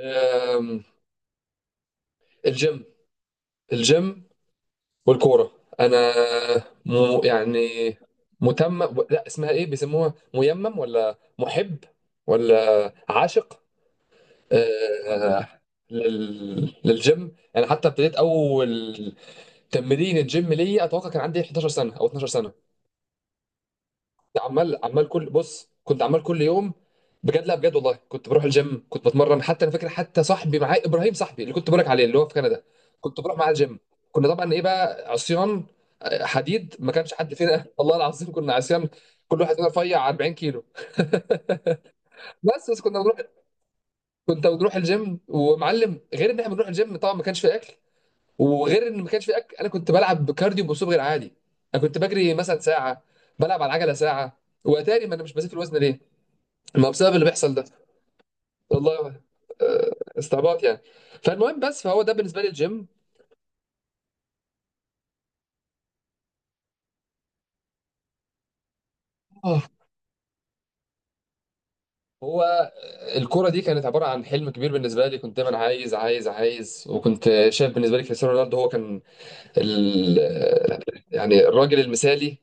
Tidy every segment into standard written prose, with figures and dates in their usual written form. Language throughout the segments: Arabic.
أم، الجيم الجيم والكورة. أنا يعني متمم، لا، اسمها إيه، بيسموها ميمم ولا محب ولا عاشق. أه، للجيم يعني. حتى ابتديت أول تمرين الجيم ليا أتوقع كان عندي 11 سنة أو 12 سنة. عمال عمال كل بص كنت عمال كل يوم بجد. لا، بجد والله كنت بروح الجيم، كنت بتمرن، حتى انا فاكر، حتى صاحبي معايا ابراهيم، صاحبي اللي كنت بقولك عليه اللي هو في كندا، كنت بروح معاه الجيم. كنا طبعا ايه بقى عصيان، حديد، ما كانش حد فينا. والله العظيم كنا عصيان، كل واحد فينا رفيع 40 كيلو. بس كنا بنروح كنت بنروح الجيم ومعلم، غير ان احنا بنروح الجيم طبعا ما كانش في اكل، وغير ان ما كانش في اكل انا كنت بلعب كارديو باسلوب غير عادي. انا كنت بجري مثلا ساعه، بلعب على العجله ساعه. واتاري ما انا مش بزيد في الوزن ليه، ما بسبب اللي بيحصل ده. والله استعباط يعني. فالمهم بس فهو ده بالنسبه لي الجيم. اه. هو الكرة دي كانت عبارة عن حلم كبير بالنسبة لي، كنت دايما عايز عايز عايز، وكنت شايف بالنسبة لي كريستيانو رونالدو هو كان ال... آه، يعني الراجل المثالي،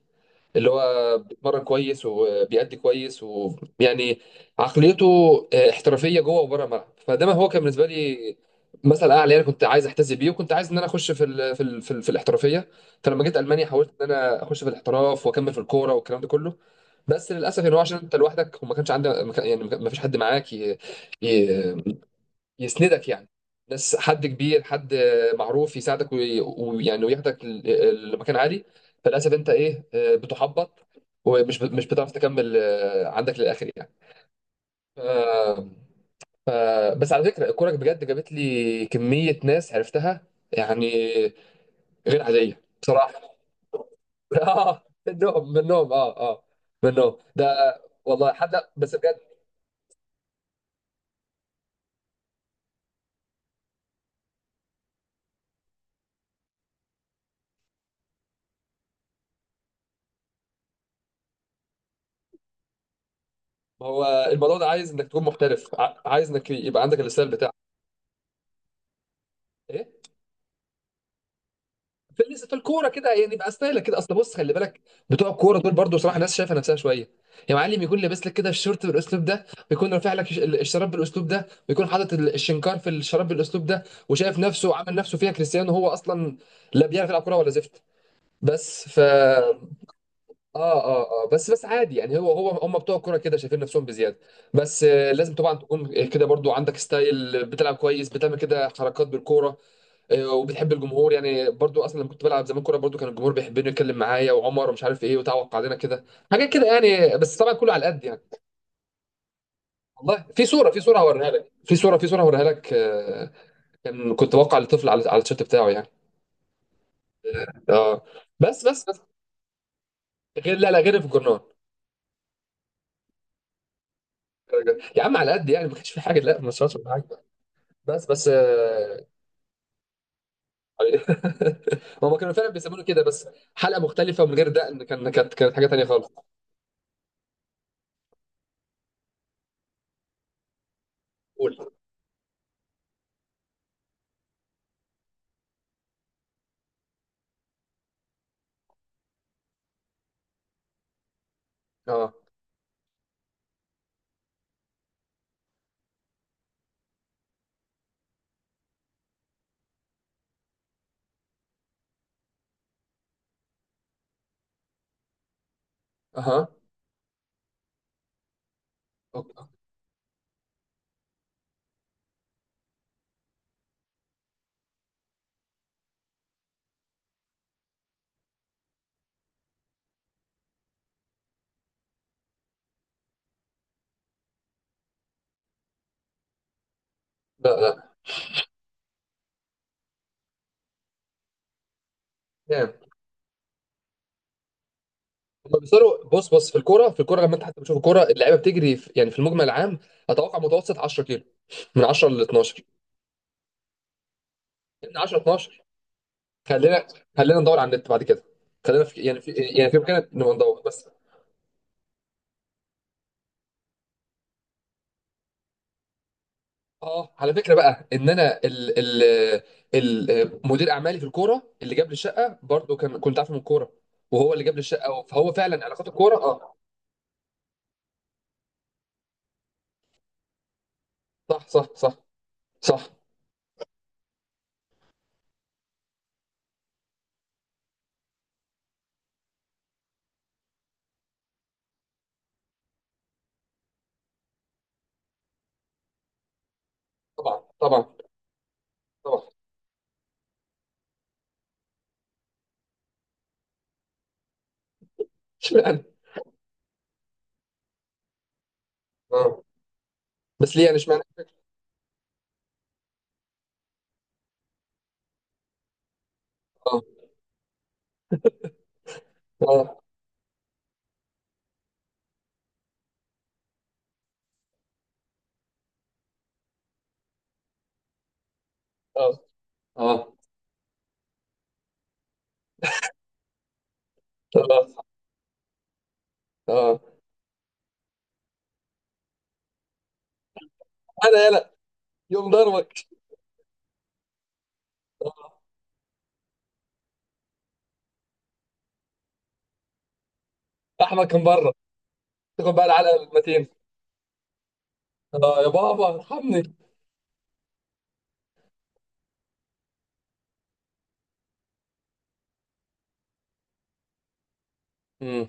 اللي هو بيتمرن كويس وبيأدي كويس ويعني عقليته احترافيه جوه وبره الملعب. فده ما هو كان بالنسبه لي مثل اعلى، انا كنت عايز احتذي بيه وكنت عايز ان انا اخش في الاحترافيه. فلما جيت المانيا حاولت ان انا اخش في الاحتراف واكمل في الكوره والكلام ده كله. بس للاسف ان هو، عشان انت لوحدك وما كانش عندك، ما كان- يعني ما فيش حد معاك ي- يسندك يعني، ناس، حد كبير، حد معروف، يساعدك ويعني وياخدك لمكان عالي. فللاسف انت ايه، بتحبط مش بتعرف تكمل عندك للاخر يعني. ف... ف... بس على فكره الكوره بجد جابت لي كميه ناس عرفتها يعني غير عاديه بصراحه. اه، منهم، منهم، اه، اه، منهم، ده. والله حد، بس بجد. ما هو الموضوع ده عايز انك تكون محترف، عايز انك يبقى عندك الستايل بتاعك. ايه، في لسه في الكوره كده يعني، يبقى ستايلك كده. اصل بص، خلي بالك، بتوع الكوره دول برضو صراحه الناس شايفه نفسها شويه. يا معلم، يكون لابس لك كده الشورت بالاسلوب ده، ويكون رافع لك الشراب بالاسلوب ده، ويكون حاطط الشنكار في الشراب بالاسلوب ده، وشايف نفسه وعامل نفسه فيها كريستيانو، وهو اصلا لا بيعرف يلعب كوره ولا زفت. بس ف اه اه اه بس بس عادي يعني. هو هو هم بتوع الكوره كده شايفين نفسهم بزياده. بس لازم طبعا تكون كده برضو عندك ستايل، بتلعب كويس، بتعمل كده حركات بالكوره، وبتحب الجمهور يعني. برضو اصلا لما كنت بلعب زمان كوره برضو كان الجمهور بيحبني، يتكلم معايا وعمر ومش عارف ايه، وتعوق علينا كده حاجات كده يعني، بس طبعا كله على قد يعني. والله في صوره، في صوره هوريها لك. كنت بوقع لطفل على التيشيرت بتاعه يعني. اه، بس غير، لا، لا، غير في الجرنان. يا عم على قد يعني، ما كانش في حاجه، لا، ما شاءش حاجه. بس هما كانوا فعلا بيسمونه كده. بس حلقه مختلفه ومن غير دقن كانت حاجه تانيه خالص. قول. اه. اها. أوكي. لا، لا. نعم. هما بيصيروا، بص بص، في الكوره، لما انت حتى بتشوف الكوره اللعيبه بتجري في المجمل العام، اتوقع متوسط 10 كيلو، من 10 ل 12 من 10 ل 12. خلينا خلينا ندور على النت بعد كده. خلينا في امكانيه نبقى ندور بس. اه، على فكره بقى، ان انا ال مدير اعمالي في الكوره اللي جاب لي الشقه برضه، كنت عارفه من الكوره، وهو اللي جاب لي الشقه، فهو فعلا علاقات الكوره، اه. صح، صح، صح، صح. طبعا، طبعا، طبعا. اشمعنى؟ اه. بس ليه يعني؟ اشمعنى؟ اه، اه، اه، اه، اه، اه. انا، يلا. يوم ضربك؟ احمد كان بره. تاخد بقى العلقه المتين. اه، يا بابا ارحمني. امم،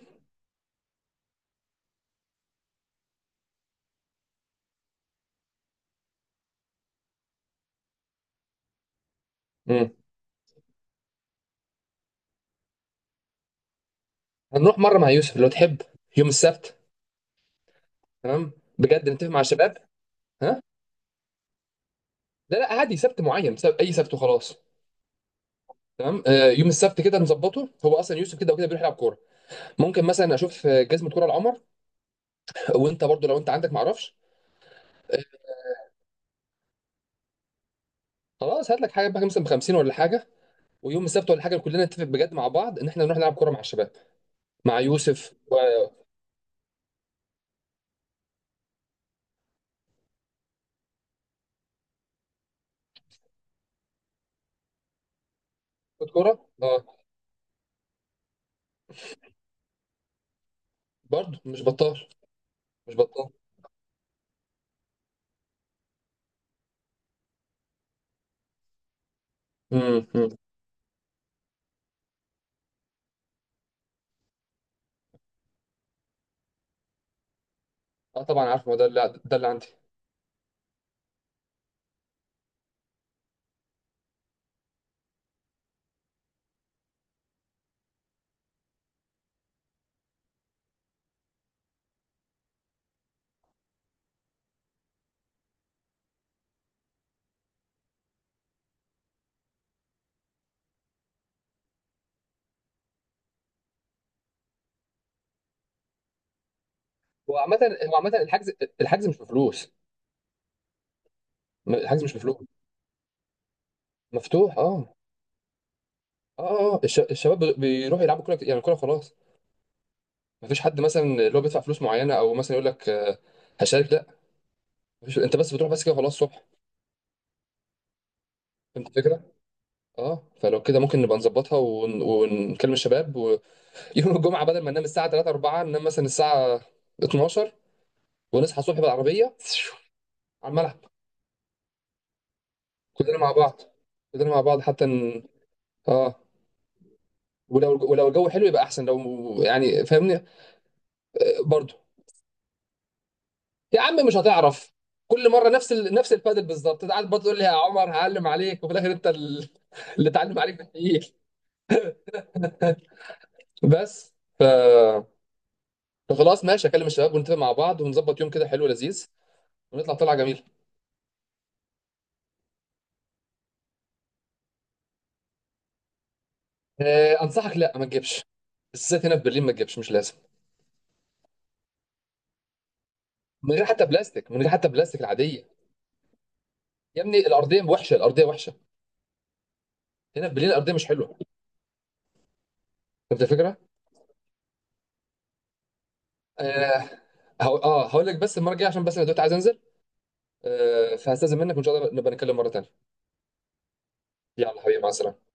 امم. هنروح مره مع يوسف لو تحب، يوم السبت. تمام، بجد نتفق مع الشباب. ها. لا، لا، عادي، سبت معين، سبت، اي سبت وخلاص. تمام، يوم السبت كده نظبطه، هو اصلا يوسف كده وكده بيروح يلعب كوره. ممكن مثلا اشوف جزمه كوره لعمر، وانت برضو لو انت عندك معرفش. خلاص هات لك حاجه بقى مثلا ب 50 ولا حاجه، ويوم السبت ولا حاجه، كلنا نتفق بجد مع بعض ان احنا نروح نلعب كوره مع الشباب، مع يوسف. كرة كورة؟ اه. برضه مش بطال، مش بطال. امم. اه، طبعا عارف، ما ده اللي عندي. هو عامة هو عامة الحجز الحجز مش بفلوس. الحجز مش بفلوس، مفتوح. اه. اه، اه، الشباب بيروحوا يلعبوا كورة كت- يعني كورة خلاص. مفيش حد مثلا اللي هو بيدفع فلوس معينة، او مثلا يقول لك هشارك، لا. مفيش، انت بس بتروح بس كده خلاص الصبح. فهمت الفكرة؟ اه، فلو كده ممكن نبقى نظبطها ونكلم الشباب، ويوم الجمعة بدل ما ننام الساعة 3 4 ننام مثلا الساعة 12، ونصحى الصبح بالعربية على الملعب، كلنا مع بعض كلنا مع بعض، حتى اه. ولو الجو حلو يبقى احسن، لو يعني فاهمني، برضو. يا عم مش هتعرف، كل مره نفس البادل بالظبط، انت قاعد برضه تقول لي يا عمر هعلم عليك، وفي الاخر انت اللي اتعلم عليك بالتقيل. بس ف... فخلاص ماشي اكلم الشباب ونتفق مع بعض ونظبط يوم كده حلو لذيذ ونطلع طلعه جميله. انصحك لا ما تجيبش، بالذات هنا في برلين ما تجيبش، مش لازم. من غير حتى بلاستيك العاديه. يا ابني الارضيه وحشه، الارضيه وحشه، هنا في برلين الارضيه مش حلوه. فهمت الفكره؟ آه هو، اه، هقول لك بس المره الجايه، عشان بس انا دلوقتي عايز انزل. فهستاذن منك وان شاء الله نبقى نتكلم مره تانيه. يلا حبيبي، مع السلامه.